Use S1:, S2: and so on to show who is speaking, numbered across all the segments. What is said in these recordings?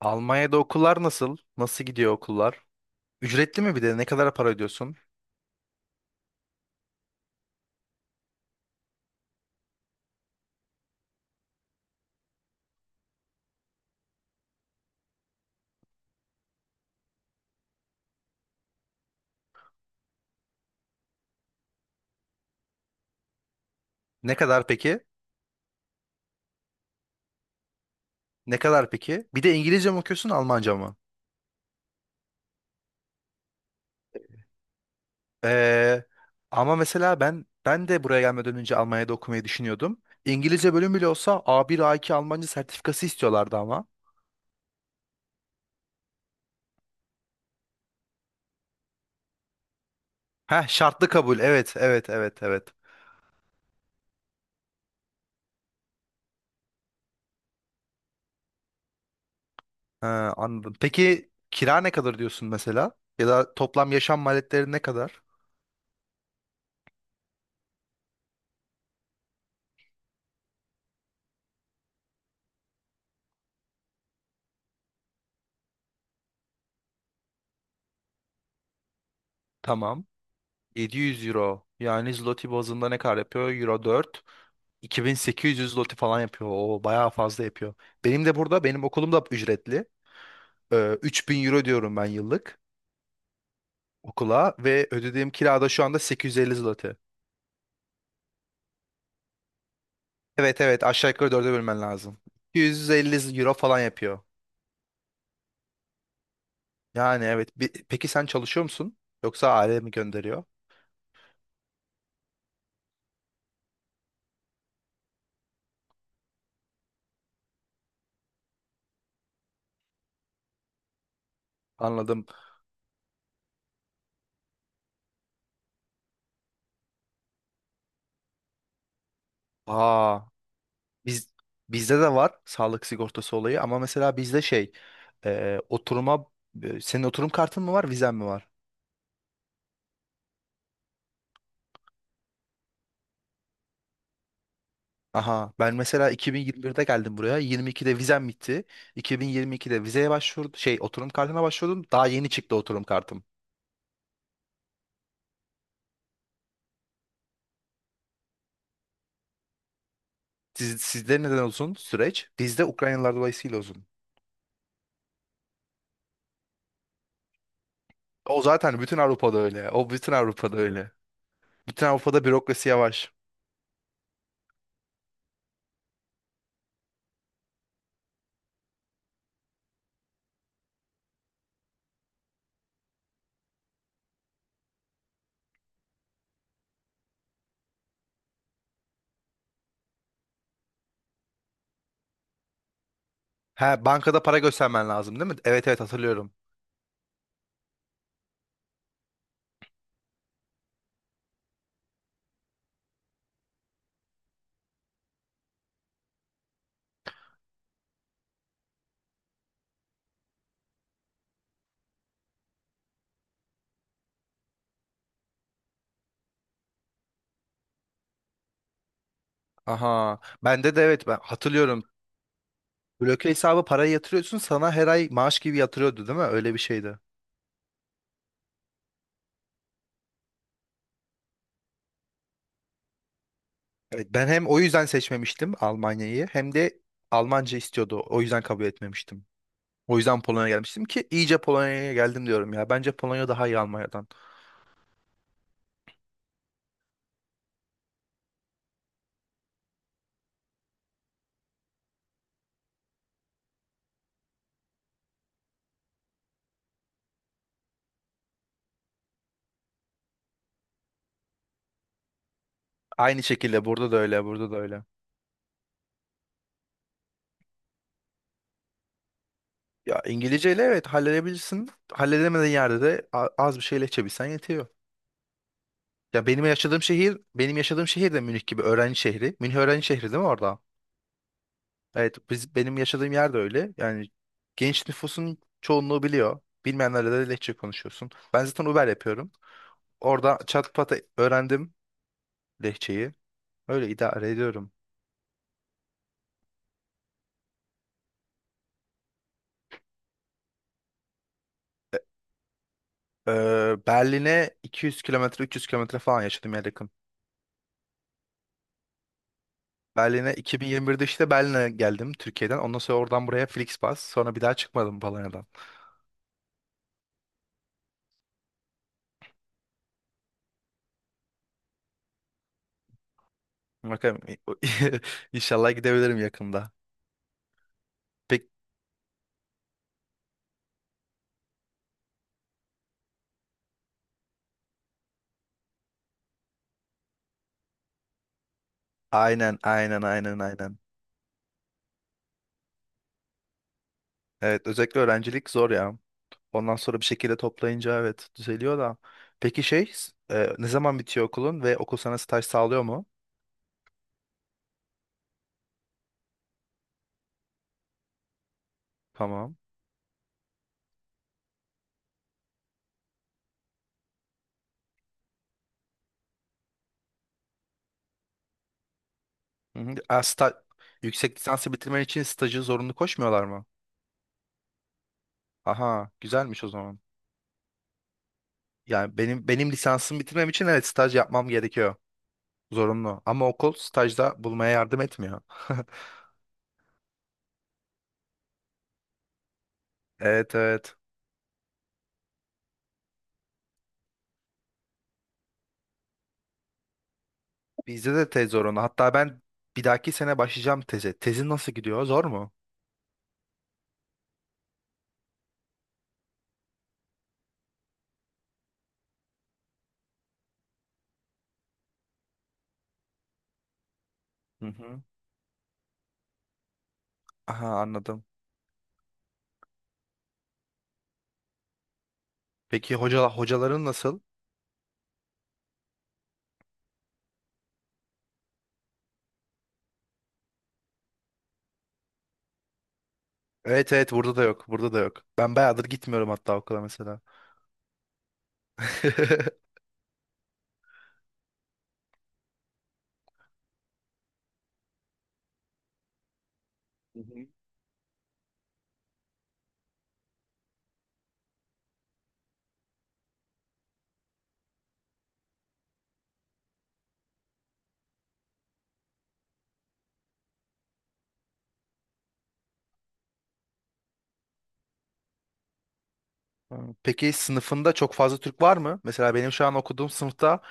S1: Almanya'da okullar nasıl? Nasıl gidiyor okullar? Ücretli mi bir de? Ne kadar para ödüyorsun? Ne kadar peki? Ne kadar peki? Bir de İngilizce mi okuyorsun, Almanca mı? Ee, ama mesela ben de buraya gelmeden önce Almanya'da okumayı düşünüyordum. İngilizce bölüm bile olsa A1, A2 Almanca sertifikası istiyorlardı ama. Heh, şartlı kabul. Evet, evet, evet, evet. Ha, anladım. Peki kira ne kadar diyorsun mesela? Ya da toplam yaşam maliyetleri ne kadar? Tamam. 700 euro. Yani zloty bazında ne kadar yapıyor? Euro 4. 2.800 loti falan yapıyor. O bayağı fazla yapıyor. Benim de burada benim okulum da ücretli. 3000 euro diyorum ben yıllık okula ve ödediğim kirada şu anda 850 zloty. Evet evet aşağı yukarı dörde bölmen lazım. 250 euro falan yapıyor. Yani evet. Bi- peki sen çalışıyor musun? Yoksa aile mi gönderiyor? Anladım. Aa, biz bizde de var sağlık sigortası olayı ama mesela oturuma senin oturum kartın mı var vizen mi var? Aha ben mesela 2021'de geldim buraya. 22'de vizem bitti. 2022'de vizeye başvurdum. Şey, oturum kartına başvurdum. Daha yeni çıktı oturum kartım. Siz, sizde neden uzun süreç? Bizde Ukraynalılar dolayısıyla uzun. O zaten bütün Avrupa'da öyle. O bütün Avrupa'da öyle. Bütün Avrupa'da bürokrasi yavaş. Ha, bankada para göstermen lazım değil mi? Evet evet hatırlıyorum. Aha, bende de evet, ben hatırlıyorum. Bloke hesabı parayı yatırıyorsun, sana her ay maaş gibi yatırıyordu değil mi? Öyle bir şeydi. Evet, ben hem o yüzden seçmemiştim Almanya'yı hem de Almanca istiyordu. O yüzden kabul etmemiştim. O yüzden Polonya'ya gelmiştim ki iyice Polonya'ya geldim diyorum ya. Bence Polonya daha iyi Almanya'dan. Aynı şekilde burada da öyle, burada da öyle. Ya İngilizceyle evet halledebilirsin. Halledemediğin yerde de a- az bir şey Lehçe yetiyor. Benim yaşadığım şehir de Münih gibi öğrenci şehri. Münih öğrenci şehri değil mi orada? Evet, biz benim yaşadığım yer de öyle. Yani genç nüfusun çoğunluğu biliyor. Bilmeyenlerle de Lehçe konuşuyorsun. Ben zaten Uber yapıyorum. Orada çat pat öğrendim lehçeyi. Öyle idare ediyorum. Berlin'e 200 kilometre, 300 kilometre falan yaşadım ya, yakın. Berlin'e 2021'de işte Berlin'e geldim Türkiye'den. Ondan sonra oradan buraya Flixbus. Sonra bir daha çıkmadım Polonya'dan. Bakalım, inşallah gidebilirim yakında. Pek aynen, aynen, aynen, aynen. Evet, özellikle öğrencilik zor ya. Ondan sonra bir şekilde toplayınca evet düzeliyor da. Peki ne zaman bitiyor okulun ve okul sana staj sağlıyor mu? Tamam. Hı hı. Aa, yüksek lisansı bitirmen için stajı zorunlu koşmuyorlar mı? Aha, güzelmiş o zaman. Yani benim lisansımı bitirmem için evet staj yapmam gerekiyor. Zorunlu. Ama okul stajda bulmaya yardım etmiyor. Evet evet. Bizde de tez zorunlu. Hatta ben bir dahaki sene başlayacağım teze. Tezin nasıl gidiyor? Zor mu? Hı hı. Aha, anladım. Peki hocaların nasıl? Evet evet, burada da yok. Burada da yok. Ben bayağıdır gitmiyorum hatta okula mesela. Ha, peki sınıfında çok fazla Türk var mı? Mesela benim şu an okuduğum sınıfta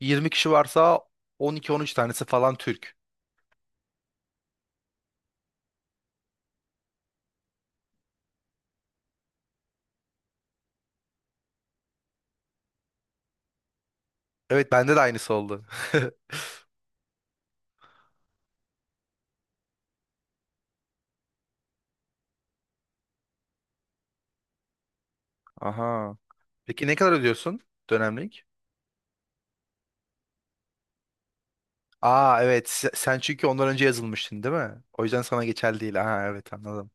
S1: 20 kişi varsa 12-13 tanesi falan Türk. Evet bende de aynısı oldu. Aha. Peki ne kadar ödüyorsun dönemlik? Aa evet, sen çünkü ondan önce yazılmıştın değil mi? O yüzden sana geçerli değil. Aha evet, anladım.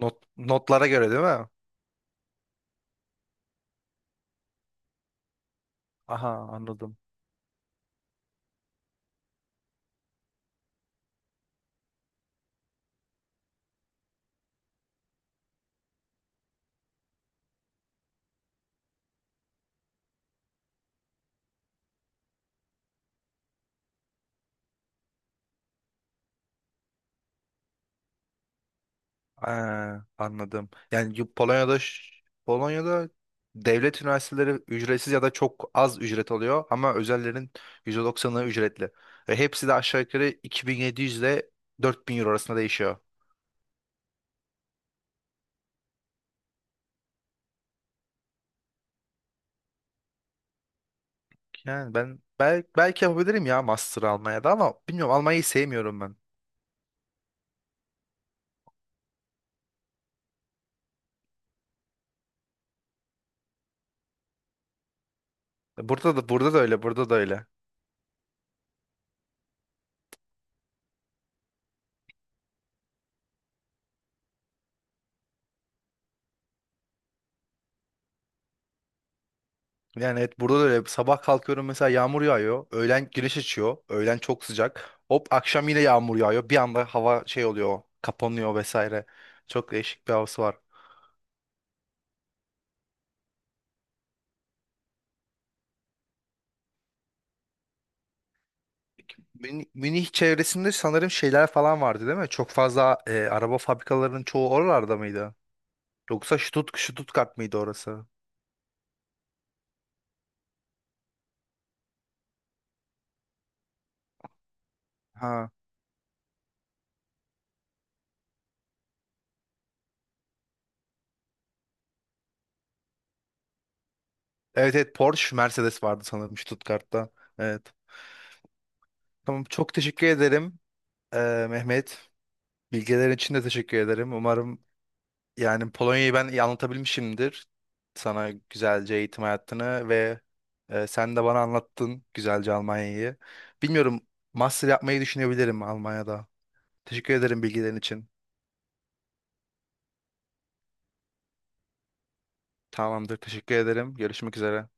S1: Notlara göre değil mi? Aha, anladım. Aa, anladım. Yani Polonya'da devlet üniversiteleri ücretsiz ya da çok az ücret oluyor ama özellerin %90'ı ücretli. Ve hepsi de aşağı yukarı 2.700 ile 4.000 euro arasında değişiyor. Yani ben bel belki yapabilirim ya master Almanya'da ama bilmiyorum, Almanya'yı sevmiyorum ben. Burada da, burada da öyle, burada da öyle. Yani evet, burada da öyle. Sabah kalkıyorum mesela yağmur yağıyor. Öğlen güneş açıyor. Öğlen çok sıcak. Hop akşam yine yağmur yağıyor. Bir anda hava şey oluyor. Kapanıyor vesaire. Çok değişik bir havası var. Münih çevresinde sanırım şeyler falan vardı değil mi? Çok fazla araba fabrikalarının çoğu oralarda mıydı? Yoksa Stuttgart mıydı orası? Ha. Evet evet, Porsche, Mercedes vardı sanırım Stuttgart'ta. Evet. Tamam, çok teşekkür ederim, Mehmet. Bilgilerin için de teşekkür ederim. Umarım, yani Polonya'yı ben iyi anlatabilmişimdir. Sana güzelce eğitim hayatını ve, sen de bana anlattın güzelce Almanya'yı. Bilmiyorum, master yapmayı düşünebilirim Almanya'da. Teşekkür ederim bilgilerin için. Tamamdır, teşekkür ederim. Görüşmek üzere.